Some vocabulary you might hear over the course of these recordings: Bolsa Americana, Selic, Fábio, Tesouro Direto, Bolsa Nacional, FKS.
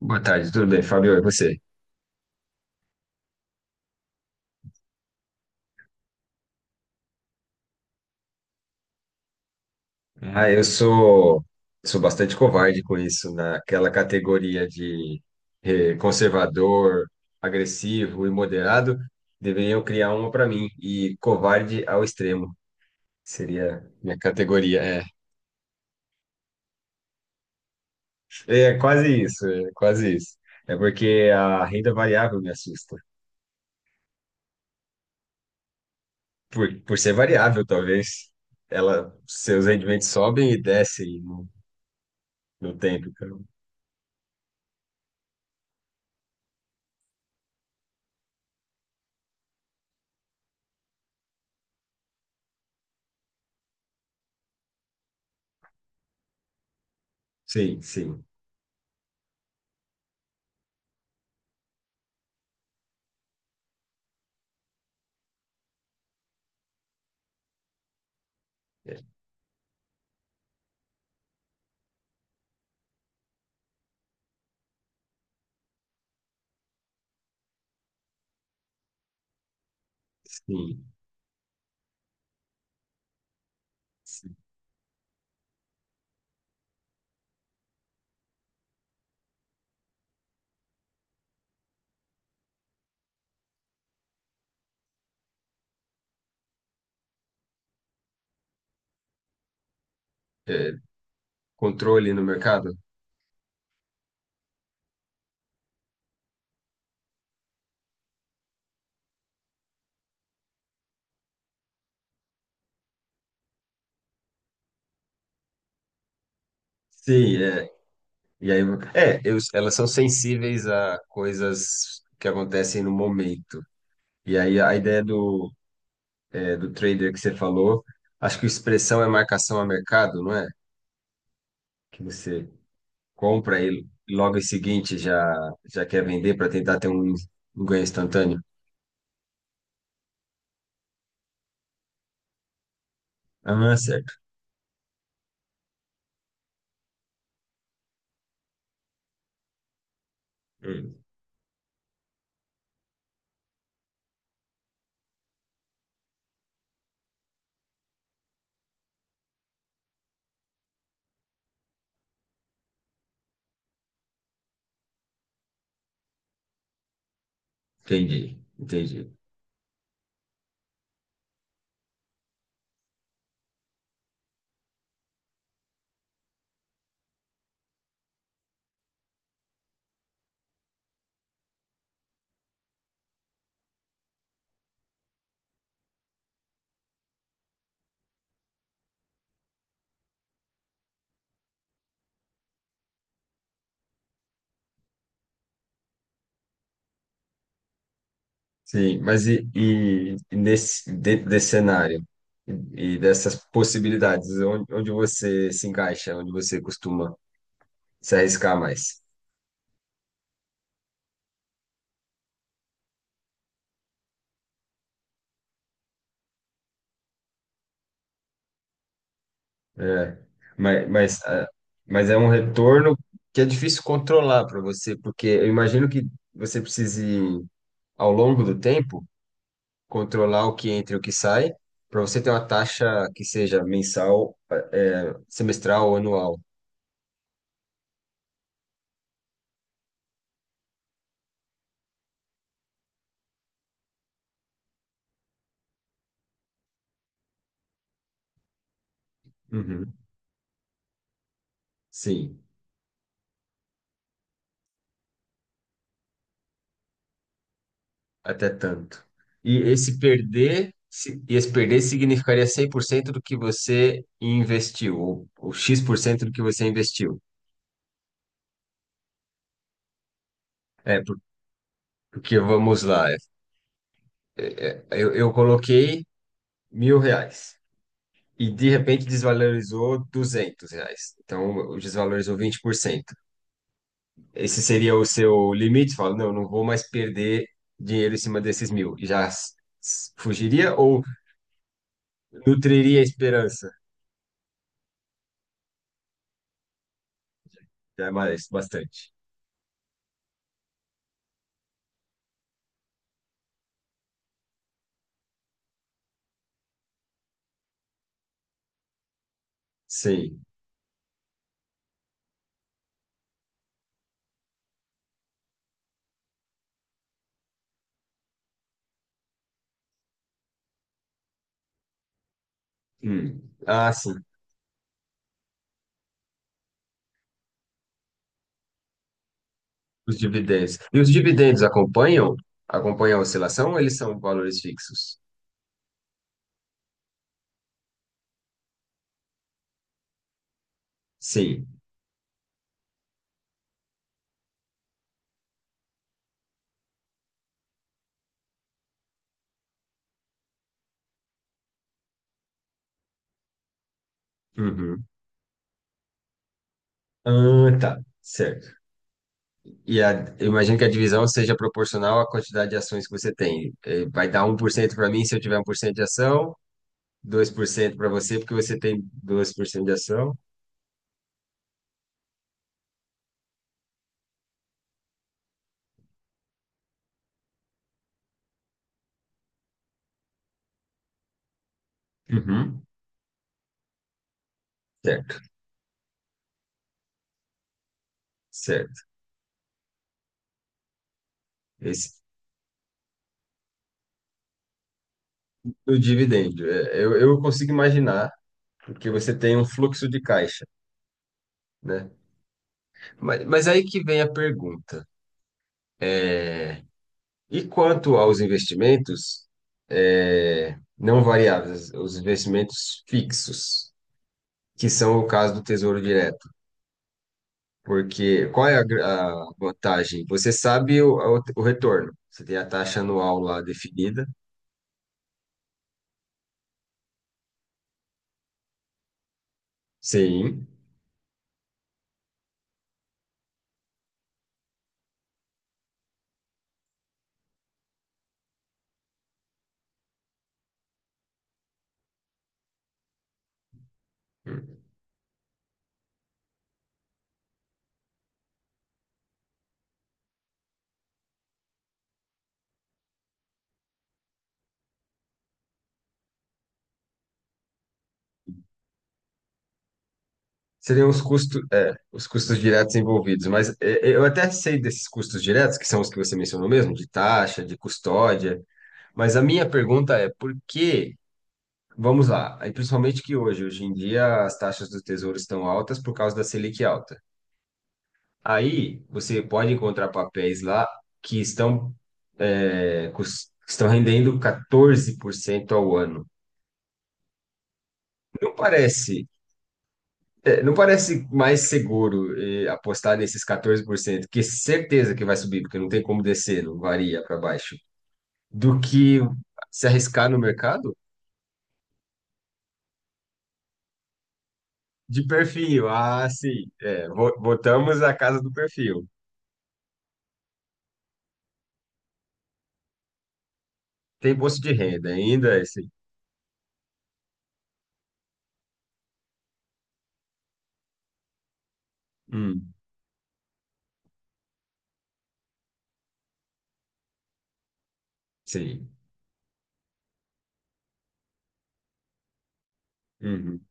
Boa tarde, tudo bem, Fábio? E você? Eu sou bastante covarde com isso, naquela categoria de conservador, agressivo e moderado. Deveria eu criar uma para mim, e covarde ao extremo seria minha categoria. É quase isso, é quase isso. É porque a renda variável me assusta. Por ser variável, talvez, ela, seus rendimentos sobem e descem no tempo. Então, sim, sim. É. Sim, sim. É, controle no mercado? Sim, é. E aí, eu- elas são sensíveis a coisas que acontecem no momento. E aí a ideia do trader que você falou, acho que expressão é marcação a mercado, não é? Que você compra e logo em seguinte já quer vender para tentar ter um ganho instantâneo. Ah, certo. Hum, entendi, entendi. Sim, mas e nesse, dentro desse cenário dessas possibilidades, onde, onde você se encaixa, onde você costuma se arriscar mais? É, mas, mas é um retorno que é difícil controlar para você, porque eu imagino que você precise, ao longo do tempo, controlar o que entra e o que sai, para você ter uma taxa que seja mensal, semestral ou anual. Uhum. Sim. Até tanto. E esse perder, e esse perder significaria 100% do que você investiu, ou X% do que você investiu. É, porque vamos lá, é, eu coloquei mil reais e de repente desvalorizou 200 reais. Então, eu desvalorizou 20%. Esse seria o seu limite? Fala, não, não vou mais perder dinheiro em cima desses mil. E já fugiria ou nutriria a esperança? Já é mais, bastante. Sim. Hum. Ah, sim, os dividendos. E os dividendos acompanham? Acompanham a oscilação ou eles são valores fixos? Sim. Uhum. Ah, tá. Certo. E a, eu imagino que a divisão seja proporcional à quantidade de ações que você tem. Vai dar 1% para mim se eu tiver 1% de ação, 2% para você porque você tem 2% de ação. Uhum. Certo, certo. Esse, o dividendo, eu consigo imaginar porque você tem um fluxo de caixa, né? Mas aí que vem a pergunta. E quanto aos investimentos, não variáveis, os investimentos fixos, que são o caso do Tesouro Direto. Porque qual é a, a vantagem? Você sabe o retorno. Você tem a taxa anual lá definida, sim. Seriam os custos, os custos diretos envolvidos, mas é, eu até sei desses custos diretos, que são os que você mencionou mesmo, de taxa, de custódia, mas a minha pergunta é por que Vamos lá. Aí, principalmente que hoje, hoje em dia, as taxas do Tesouro estão altas por causa da Selic alta. Aí, você pode encontrar papéis lá que estão, que estão rendendo 14% ao ano. Não parece, não parece mais seguro, apostar nesses 14%, que certeza que vai subir, porque não tem como descer, não varia para baixo, do que se arriscar no mercado? De perfil, ah, sim, é, botamos a casa do perfil. Tem bolsa de renda ainda, é esse. Hum, sim. Uhum.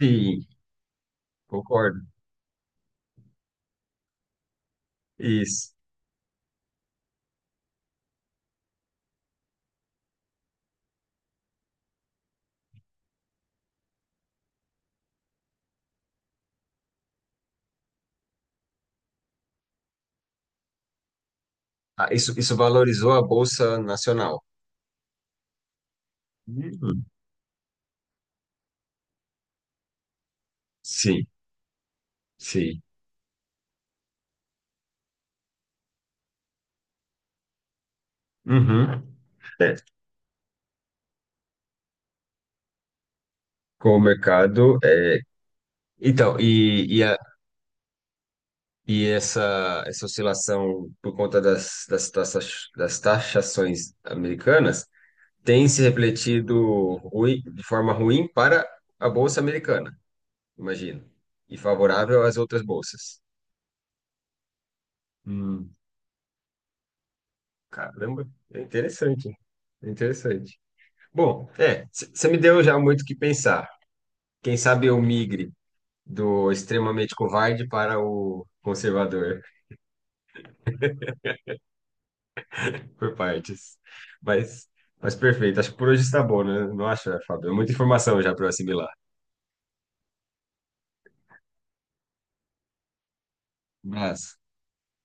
Sim, concordo. Isso. Ah, isso valorizou a Bolsa Nacional. Uhum. Sim, sim. Uhum. É, com o mercado. É. Então, e essa oscilação por conta das taxas, das taxações americanas tem se refletido ruim, de forma ruim para a Bolsa Americana, imagino, e favorável às outras bolsas. Hum. Caramba, é interessante. É interessante. Bom, é, você me deu já muito o que pensar. Quem sabe eu migre do extremamente covarde para o conservador, por partes. Mas, mas perfeito, acho que por hoje está bom, né? Não acha, Fábio? É muita informação já para eu assimilar. Um abraço.